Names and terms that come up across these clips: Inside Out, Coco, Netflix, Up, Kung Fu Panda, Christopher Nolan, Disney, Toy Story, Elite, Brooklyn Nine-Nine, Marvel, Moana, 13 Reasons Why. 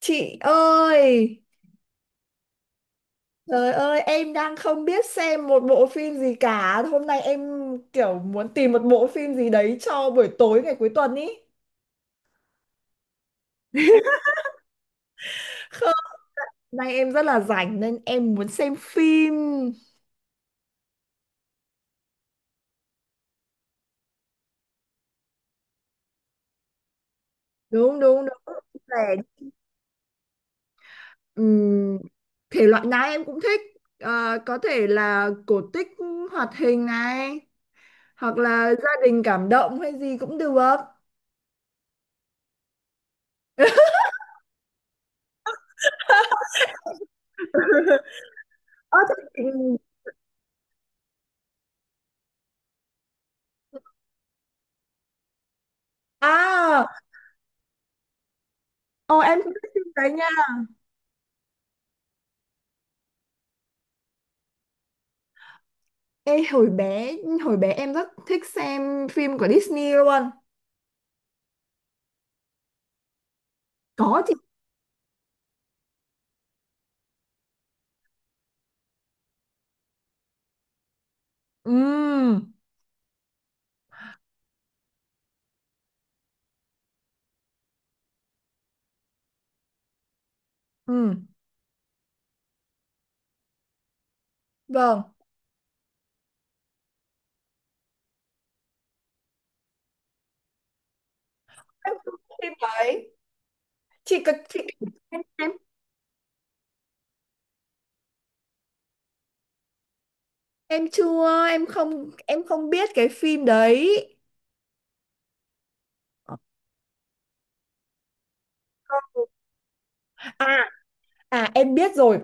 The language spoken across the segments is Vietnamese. Chị ơi, trời ơi, em đang không biết xem một bộ phim gì cả. Hôm nay em kiểu muốn tìm một bộ phim gì đấy cho buổi tối ngày cuối tuần ý. Không, nay em rất là rảnh nên em muốn xem phim. Đúng, đúng, đúng. Để, ừm, thể loại nào em cũng thích. Ờ, có thể là cổ tích, hoạt hình này, hoặc là gia đình cảm động hay gì cũng được. Ơ, thế chị- à, ồ em cũng thích phim đấy nha. Ê, hồi bé em rất thích xem phim của Disney luôn. Có chị. Ừm, ừm, vâng. Em không biết phim đấy, chị cực chị. Em em chưa, em không biết cái phim đấy. À, à em biết rồi,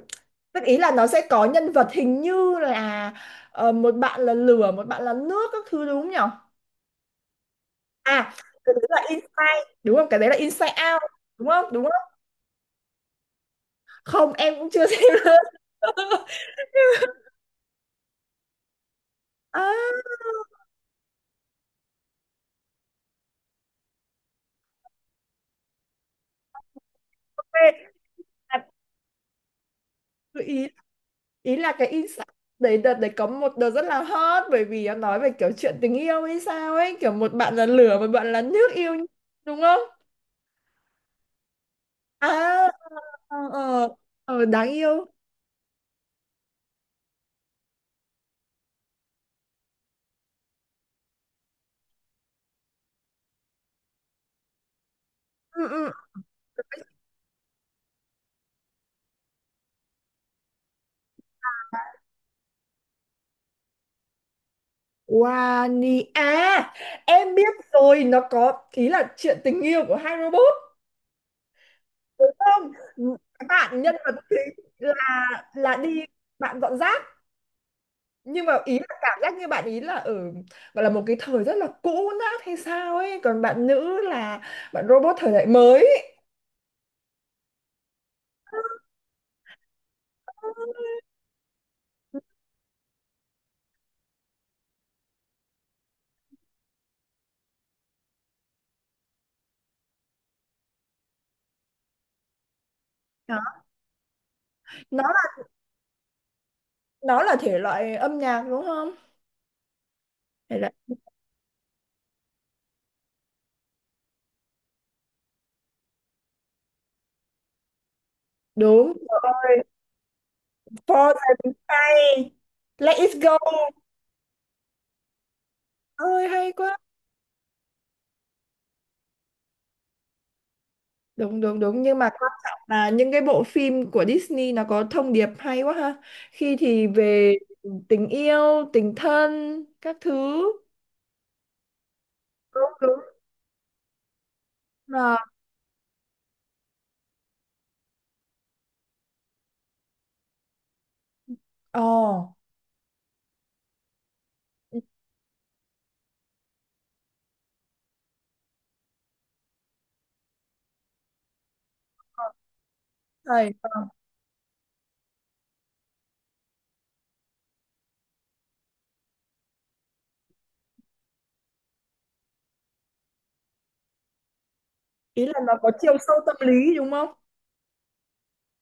tức ý là nó sẽ có nhân vật hình như là một bạn là lửa, một bạn là nước các thứ, đúng không nhỉ? À, cái đấy là Inside đúng không, cái đấy là Inside Out đúng không đúng không? Không, em cũng chưa xem luôn. À, về, à, ý ý là cái insight đấy. Đợt đấy có một đợt rất là hot bởi vì nó nói về kiểu chuyện tình yêu hay sao ấy, kiểu một bạn là lửa, một bạn là nước yêu nhau, đúng không? À, ờ ờ. Ờ, đáng yêu. Ừ, ừ. Wani à, em biết rồi, nó có ý là chuyện tình yêu của hai robot, đúng không? Bạn nhân vật chính là là đi, bạn dọn rác, nhưng mà ý là cảm giác như bạn ý là ở, gọi là một cái thời rất là cũ nát hay sao ấy, còn bạn nữ là bạn robot thời đại mới. Đó. nó nó là thể loại âm nhạc đúng không? Thể loại. Đúng rồi. For the Sky, let it go, ơi hay quá. Đúng đúng đúng, nhưng mà quan trọng là những cái bộ phim của Disney nó có thông điệp hay quá ha. Khi thì về tình yêu, tình thân các thứ. Đúng đúng. Là ồ thầy, ý là nó có chiều sâu tâm lý đúng không?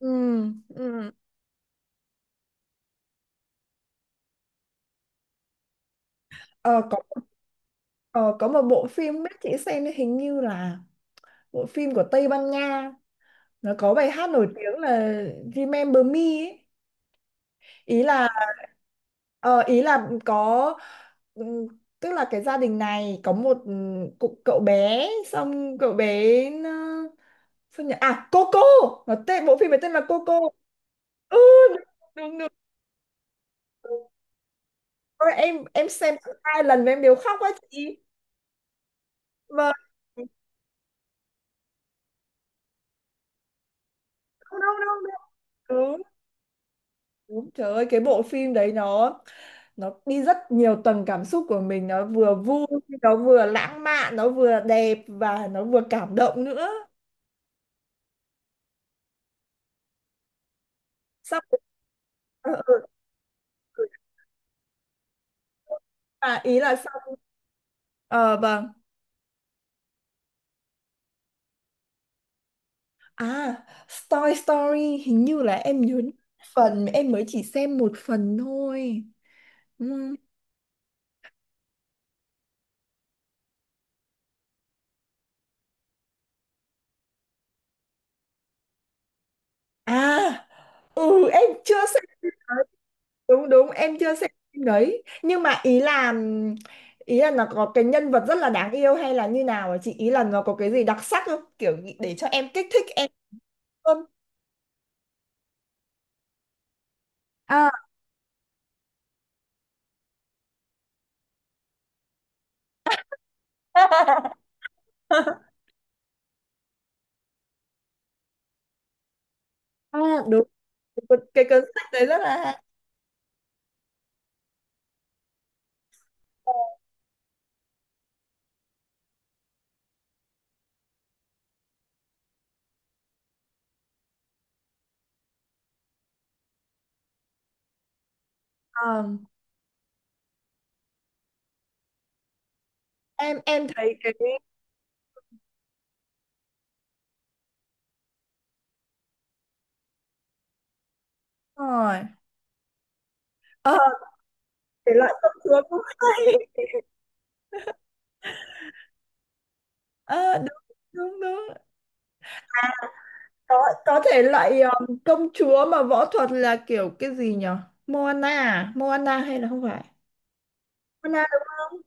Ừ, ừ. Ờ, có. Ờ, có một bộ phim biết chị xem hình như là bộ phim của Tây Ban Nha, nó có bài hát nổi tiếng là Remember Me ấy. Ý là, ờ, ý là có, ừm, tức là cái gia đình này có một, cụ- cậu bé, xong cậu bé nó, sao nhỉ? À Coco, nó tên bộ phim này tên là Coco. Ừ, đúng, đúng, đúng. Ôi, em xem tận hai lần mà em đều khóc quá chị. Vâng. Đâu đâu, đâu đâu. Đúng. Đúng. Trời ơi, cái bộ phim đấy nó đi rất nhiều tầng cảm xúc của mình, nó vừa vui, nó vừa lãng mạn, nó vừa đẹp, và nó vừa cảm động nữa. Xong. Ờ, ờ, ờ. Ừ, à, ý là xong. Ờ vâng. À, Toy Story hình như là em nhớ, phần em mới chỉ xem một phần thôi. Ừ. À ừ, em chưa xem. Đúng đúng, em chưa xem phim đấy, nhưng mà ý là, ý là nó có cái nhân vật rất là đáng yêu, hay là như nào ạ chị, ý là nó có cái gì đặc sắc không, kiểu nghĩ- để cho em, kích thích em hơn. À, à, đúng cái cuốn sách đấy rất là hay. Ờ, em thấy cái rồi. Ờ, thể loại công chúa cũng hay. Ờ, đúng đúng đúng. có có thể loại công chúa mà võ thuật là kiểu cái gì nhở? Moana à? Moana hay là không phải? Moana đúng.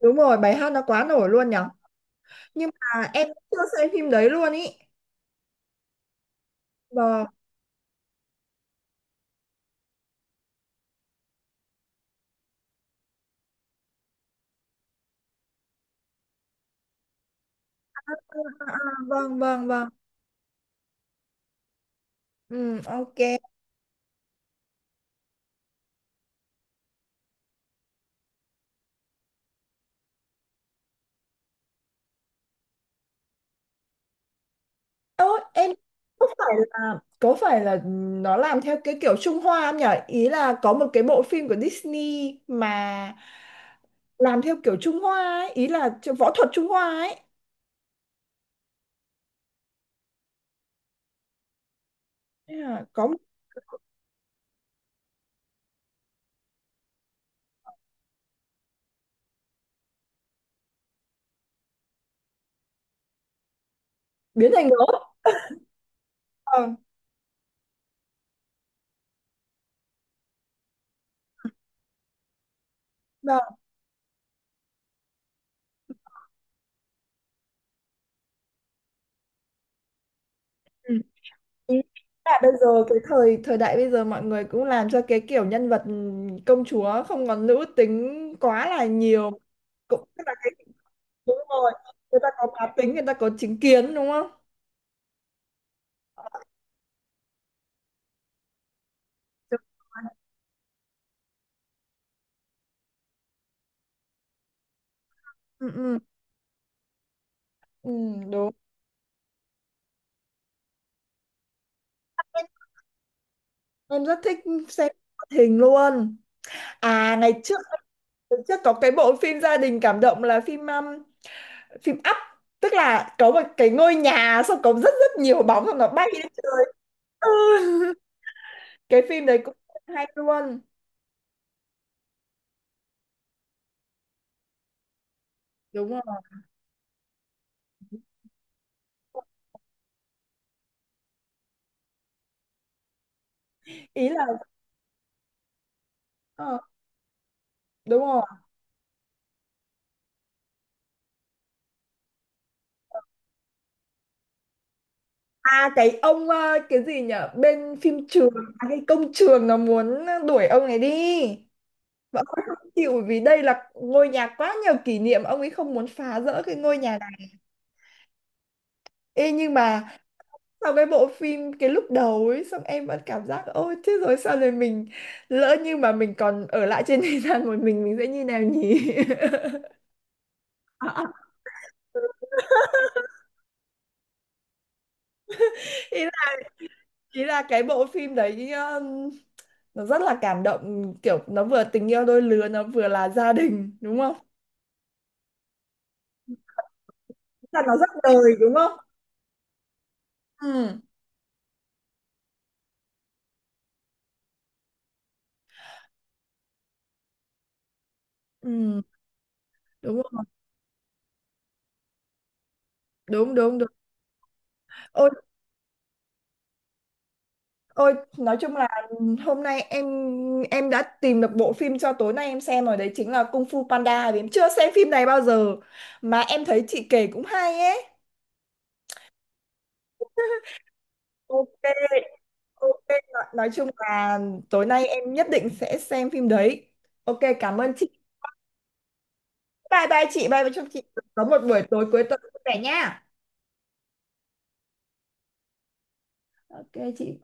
Đúng rồi, bài hát nó quá nổi luôn nhở. Nhưng mà em chưa xem phim đấy luôn ý. Vâng, à, à, vâng, vâng, vâng. Ừ, ok. Ơ, em có phải là nó làm theo cái kiểu Trung Hoa không nhỉ? Ý là có một cái bộ phim của Disney mà làm theo kiểu Trung Hoa ấy, ý là võ thuật Trung Hoa ấy. Thế là có một, biến thành gấu. Vâng, vâng. Ừ. Ừ, là bây giờ cái thời thời đại bây giờ mọi người cũng làm cho cái kiểu nhân vật công chúa không còn nữ tính quá là nhiều, cũng tức là cái đúng rồi, người ta có cá tính, người ta có chính kiến đúng không? Đúng rồi. Ừ, ừ, ừ, đúng, em rất thích xem hoạt hình luôn. À ngày trước, ngày trước có cái bộ phim gia đình cảm động là phim, phim Up, tức là có một cái ngôi nhà, xong có rất rất nhiều bóng xong nó bay lên trời. Ừ. Cái phim đấy cũng hay luôn. Đúng rồi, ý là, ờ, đúng rồi. À cái ông, ờ, cái gì nhở bên phim trường? À, cái công trường nó muốn đuổi ông này đi và ông ấy không chịu vì đây là ngôi nhà quá nhiều kỷ niệm, ông ấy không muốn phá rỡ cái ngôi nhà này. Ê, nhưng mà sau cái bộ phim cái lúc đầu ấy, xong em vẫn cảm giác ôi thế rồi sao rồi mình, lỡ như mà mình còn ở lại trên thế gian một mình sẽ như nào nhỉ? Ý ý là cái bộ phim đấy nó rất là cảm động, kiểu nó vừa tình yêu đôi lứa, nó vừa là gia đình đúng không? Là nó rất đời đúng không? Ừ, ừ, đúng không? Đúng đúng đúng. Ôi, ôi nói chung là hôm nay em đã tìm được bộ phim cho tối nay em xem rồi đấy, chính là Kung Fu Panda vì em chưa xem phim này bao giờ, mà em thấy chị kể cũng hay ấy. Ok, ok, nói chung là tối nay em nhất định sẽ xem phim đấy. Ok, cảm ơn chị. Bye bye chị, bye bye, chúc chị có một buổi tối cuối tuần vui vẻ nha. Ok chị.